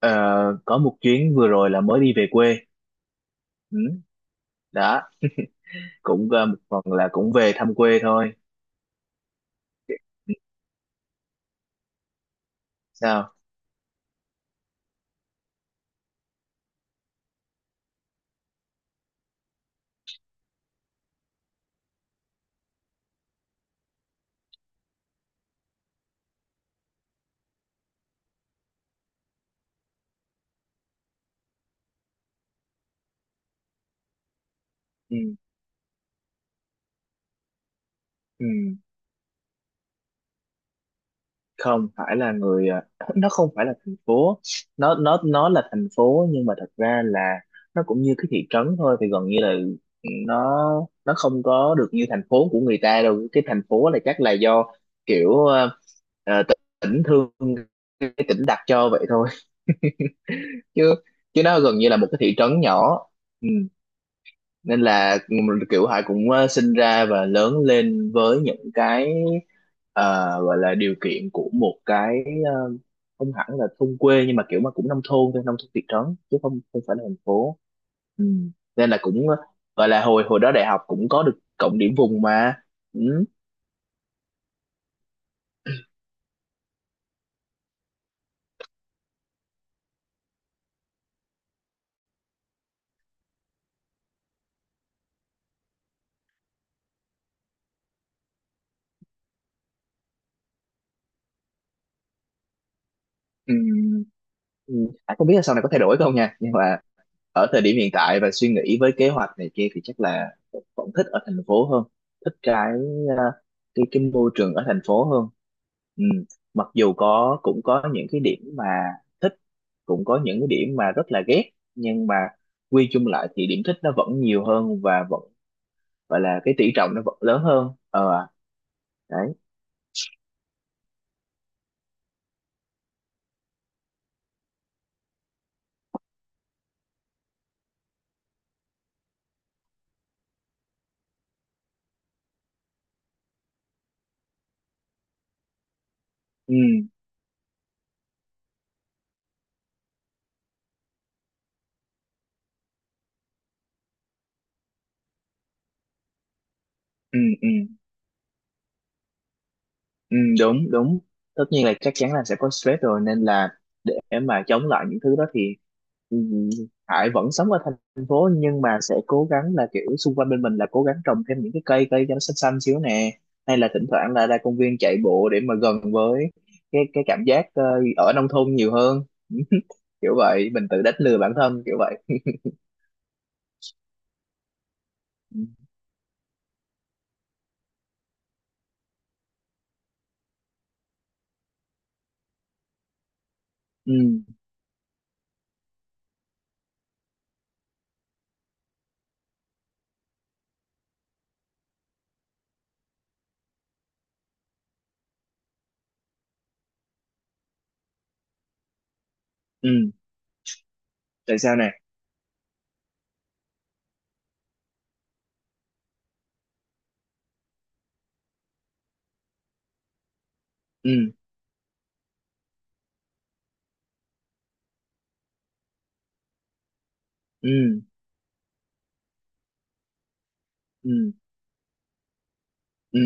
Ờ, có một chuyến vừa rồi là mới đi về quê. Ừ, đó. Cũng một phần là cũng về thăm quê thôi. Sao? Ừ, ừ. Không phải là người nó không phải là thành phố. Nó là thành phố nhưng mà thật ra là nó cũng như cái thị trấn thôi, thì gần như là, ừ, nó nó không có được như thành phố của người ta đâu. Cái thành phố là chắc là do kiểu, ờ, tỉnh thương, cái tỉnh đặt cho vậy thôi, chứ chứ nó gần như là một cái thị trấn nhỏ. Ừ. Nên là kiểu Hải cũng sinh ra và lớn lên với những cái, gọi là điều kiện của một cái, không hẳn là thôn quê nhưng mà kiểu mà cũng nông thôn thôi, nông thôn thị trấn chứ không không phải là thành phố. Ừ. Nên là cũng, gọi là hồi hồi đó đại học cũng có được cộng điểm vùng mà. Ừ. Ừ. Ừ. À, không biết là sau này có thay đổi không nha, nhưng mà ở thời điểm hiện tại và suy nghĩ với kế hoạch này kia thì chắc là vẫn thích ở thành phố hơn. Thích cái, à, cái môi trường ở thành phố hơn. Ừ. Mặc dù cũng có những cái điểm mà thích, cũng có những cái điểm mà rất là ghét, nhưng mà quy chung lại thì điểm thích nó vẫn nhiều hơn và vẫn gọi là cái tỷ trọng nó vẫn lớn hơn. Ờ Đấy. Ừ. Ừ. Ừ. Ừ, đúng đúng. Tất nhiên là chắc chắn là sẽ có stress rồi, nên là để mà chống lại những thứ đó thì, ừ, Hải vẫn sống ở thành phố nhưng mà sẽ cố gắng là kiểu xung quanh bên mình là cố gắng trồng thêm những cái cây cây cho nó xanh xanh xíu nè, hay là thỉnh thoảng là ra công viên chạy bộ để mà gần với cái cảm giác ở nông thôn nhiều hơn. Kiểu vậy, mình tự đánh lừa bản thân kiểu vậy. Ừ, ừ, ừ. Tại sao nè? Ừ, ừ, ừ, ừ.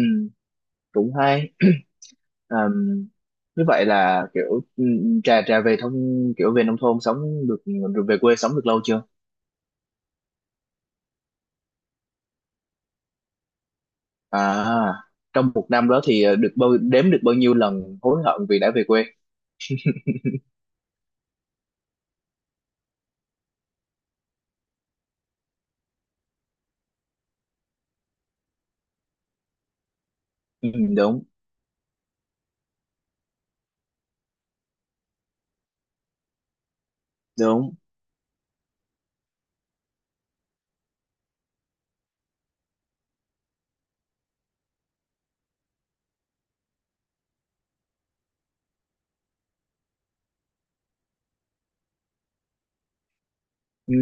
Cũng hay. Ờm, Như vậy là kiểu, trà trà về thông, kiểu về nông thôn sống được, về quê sống được lâu chưa? À, trong một năm đó thì được bao đếm được bao nhiêu lần hối hận vì đã về quê? Ừ, đúng đúng. Ừ,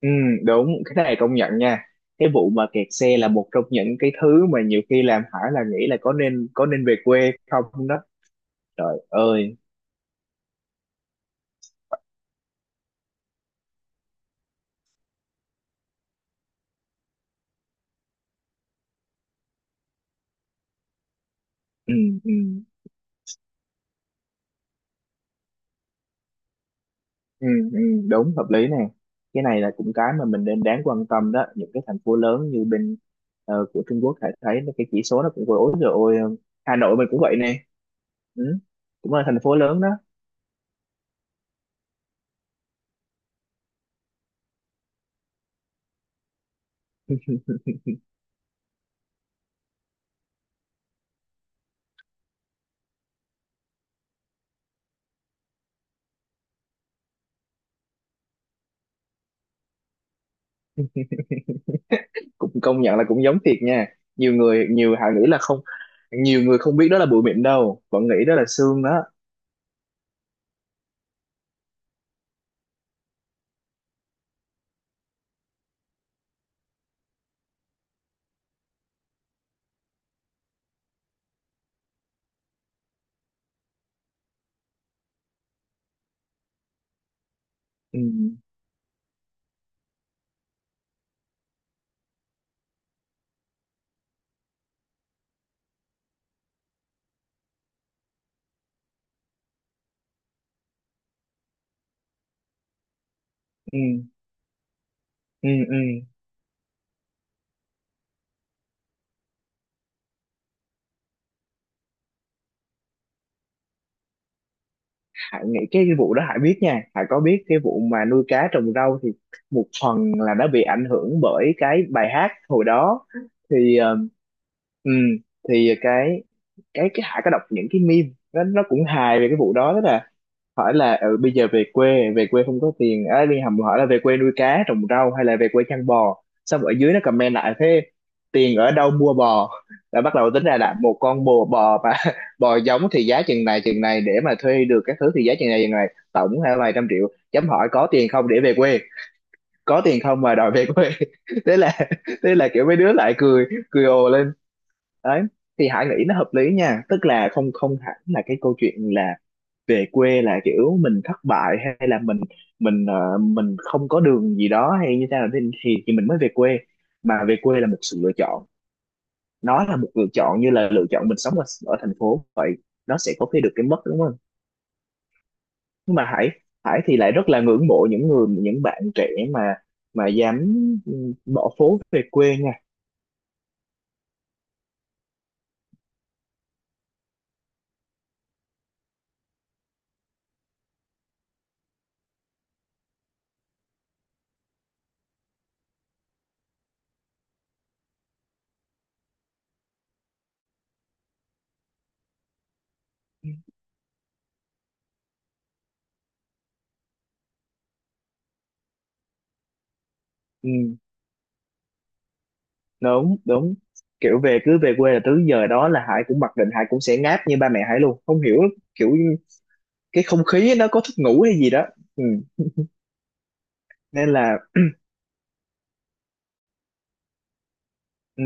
ừ, đúng. Cái này công nhận nha. Cái vụ mà kẹt xe là một trong những cái thứ mà nhiều khi làm Hải là nghĩ là có nên về quê không đó. Trời ơi. Ừ, ừ. Ừ, ừ, đúng, hợp lý nè. Cái này là cũng cái mà mình nên đáng quan tâm đó. Những cái thành phố lớn như bên của Trung Quốc hãy thấy là cái chỉ số nó cũng vừa ối rồi. Ôi, Hà Nội mình cũng vậy nè. Ừ. Cũng là thành phố lớn đó. Cũng công nhận là cũng giống thiệt nha. Nhiều người nhiều hà nghĩ là không, nhiều người không biết đó là bụi mịn đâu, vẫn nghĩ đó là sương đó. Ừ, ừ, ừ, ừ. Hải nghĩ vụ đó Hải biết nha, Hải có biết cái vụ mà nuôi cá trồng rau thì một phần là đã bị ảnh hưởng bởi cái bài hát hồi đó. Thì ừm, thì cái Hải có đọc những cái meme, nó cũng hài về cái vụ đó đó. Hỏi là, bây giờ về quê, không có tiền á, liên hầm hỏi là về quê nuôi cá trồng rau hay là về quê chăn bò, xong ở dưới nó comment lại thế, tiền ở đâu mua bò. Là bắt đầu tính ra là một con bò bò mà bò giống thì giá chừng này chừng này, để mà thuê được các thứ thì giá chừng này chừng này, tổng là vài trăm triệu, chấm hỏi có tiền không để về quê, có tiền không mà đòi về quê? thế là thế là kiểu mấy đứa lại cười cười ồ lên. Đấy. Thì Hải nghĩ nó hợp lý nha, tức là không không hẳn là cái câu chuyện là về quê là kiểu mình thất bại, hay là mình mình không có đường gì đó hay như thế nào thì, thì mình mới về quê, mà về quê là một sự lựa chọn. Nó là một lựa chọn như là lựa chọn mình sống ở thành phố vậy. Nó sẽ có cái được cái mất, đúng không? Nhưng mà Hải Hải thì lại rất là ngưỡng mộ những người, những bạn trẻ mà dám, bỏ phố về quê nha. Ừ, đúng đúng. Kiểu về, cứ về quê là tới giờ đó là Hải cũng mặc định Hải cũng sẽ ngáp như ba mẹ Hải luôn, không hiểu kiểu cái không khí nó có thức ngủ hay gì đó. Ừ. Nên là, ừ.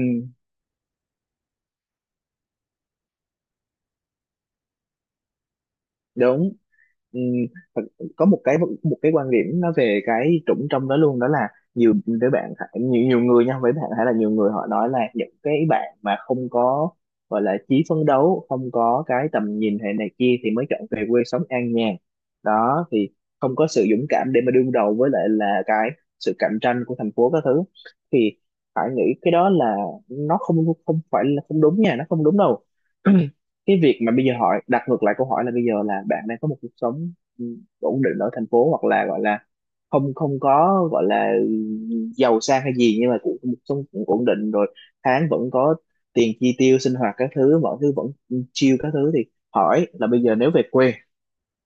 Đúng. Ừm, thật- có một cái quan điểm nó về cái trũng trong đó luôn, đó là nhiều đứa bạn, nhiều nhiều người nha, với bạn hay là nhiều người họ nói là những cái bạn mà không có gọi là chí phấn đấu, không có cái tầm nhìn hệ này kia thì mới chọn về quê sống an nhàn đó. Thì không có sự dũng cảm để mà đương đầu với lại là cái sự cạnh tranh của thành phố các thứ. Thì phải nghĩ cái đó là nó không không phải là không đúng nha, nó không đúng đâu. Cái việc mà bây giờ hỏi đặt ngược lại câu hỏi là, bây giờ là bạn đang có một cuộc sống, ừ, ổn định ở thành phố, hoặc là gọi là không không có gọi là giàu sang hay gì, nhưng mà cũng một cuộc sống cũng ổn định rồi, tháng vẫn có tiền chi tiêu sinh hoạt các thứ, mọi thứ vẫn chill các thứ. Thì hỏi là, bây giờ nếu về quê,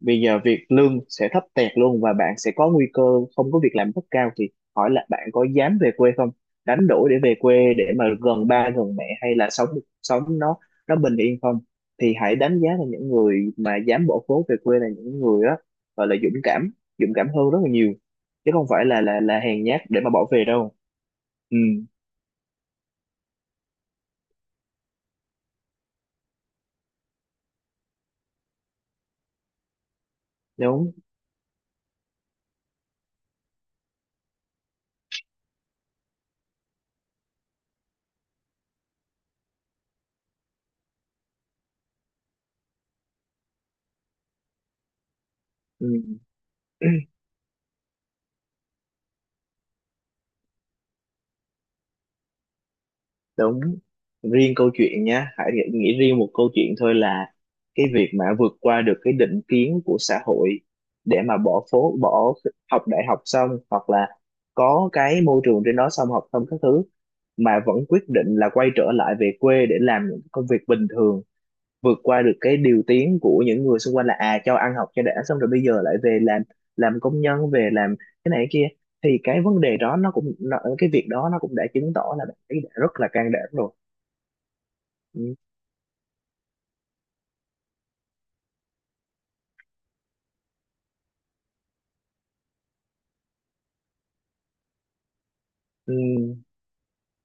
bây giờ việc lương sẽ thấp tẹt luôn và bạn sẽ có nguy cơ không có việc làm rất cao, thì hỏi là bạn có dám về quê không, đánh đổi để về quê để mà gần ba gần mẹ hay là sống sống nó bình yên không? Thì hãy đánh giá là những người mà dám bỏ phố về quê là những người đó gọi là dũng cảm, dũng cảm hơn rất là nhiều, chứ không phải là là hèn nhát để mà bỏ về đâu. Ừ, đúng. Ừ. Đúng. Riêng câu chuyện nhá, hãy nghĩ nghĩ riêng một câu chuyện thôi là cái việc mà vượt qua được cái định kiến của xã hội để mà bỏ phố, bỏ học đại học xong, hoặc là có cái môi trường trên đó xong học xong các thứ, mà vẫn quyết định là quay trở lại về quê để làm những công việc bình thường, vượt qua được cái điều tiếng của những người xung quanh là, à, cho ăn học cho đã xong rồi bây giờ lại về làm công nhân, về làm cái này cái kia. Thì cái vấn đề đó cái việc đó nó cũng đã chứng tỏ là bạn ấy đã rất là can đảm rồi. Ừ, ừ,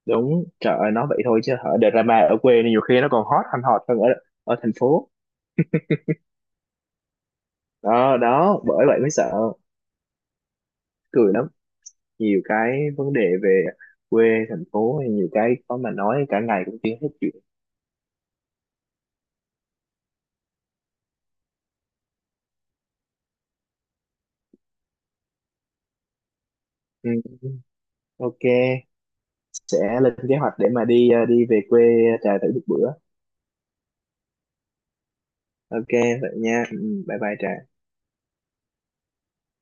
đúng. Trời ơi, nói vậy thôi chứ ở drama ở quê nhiều khi nó còn hot hơn ở ở thành phố. Đó đó, bởi vậy mới sợ, cười lắm. Nhiều cái vấn đề về quê, thành phố, nhiều cái có mà nói cả ngày cũng chưa hết chuyện. Ừ, ừ, ok. Sẽ lên kế hoạch để mà đi, đi về quê, trà thử một bữa. Ok vậy nha. Ừ, bye bye trà.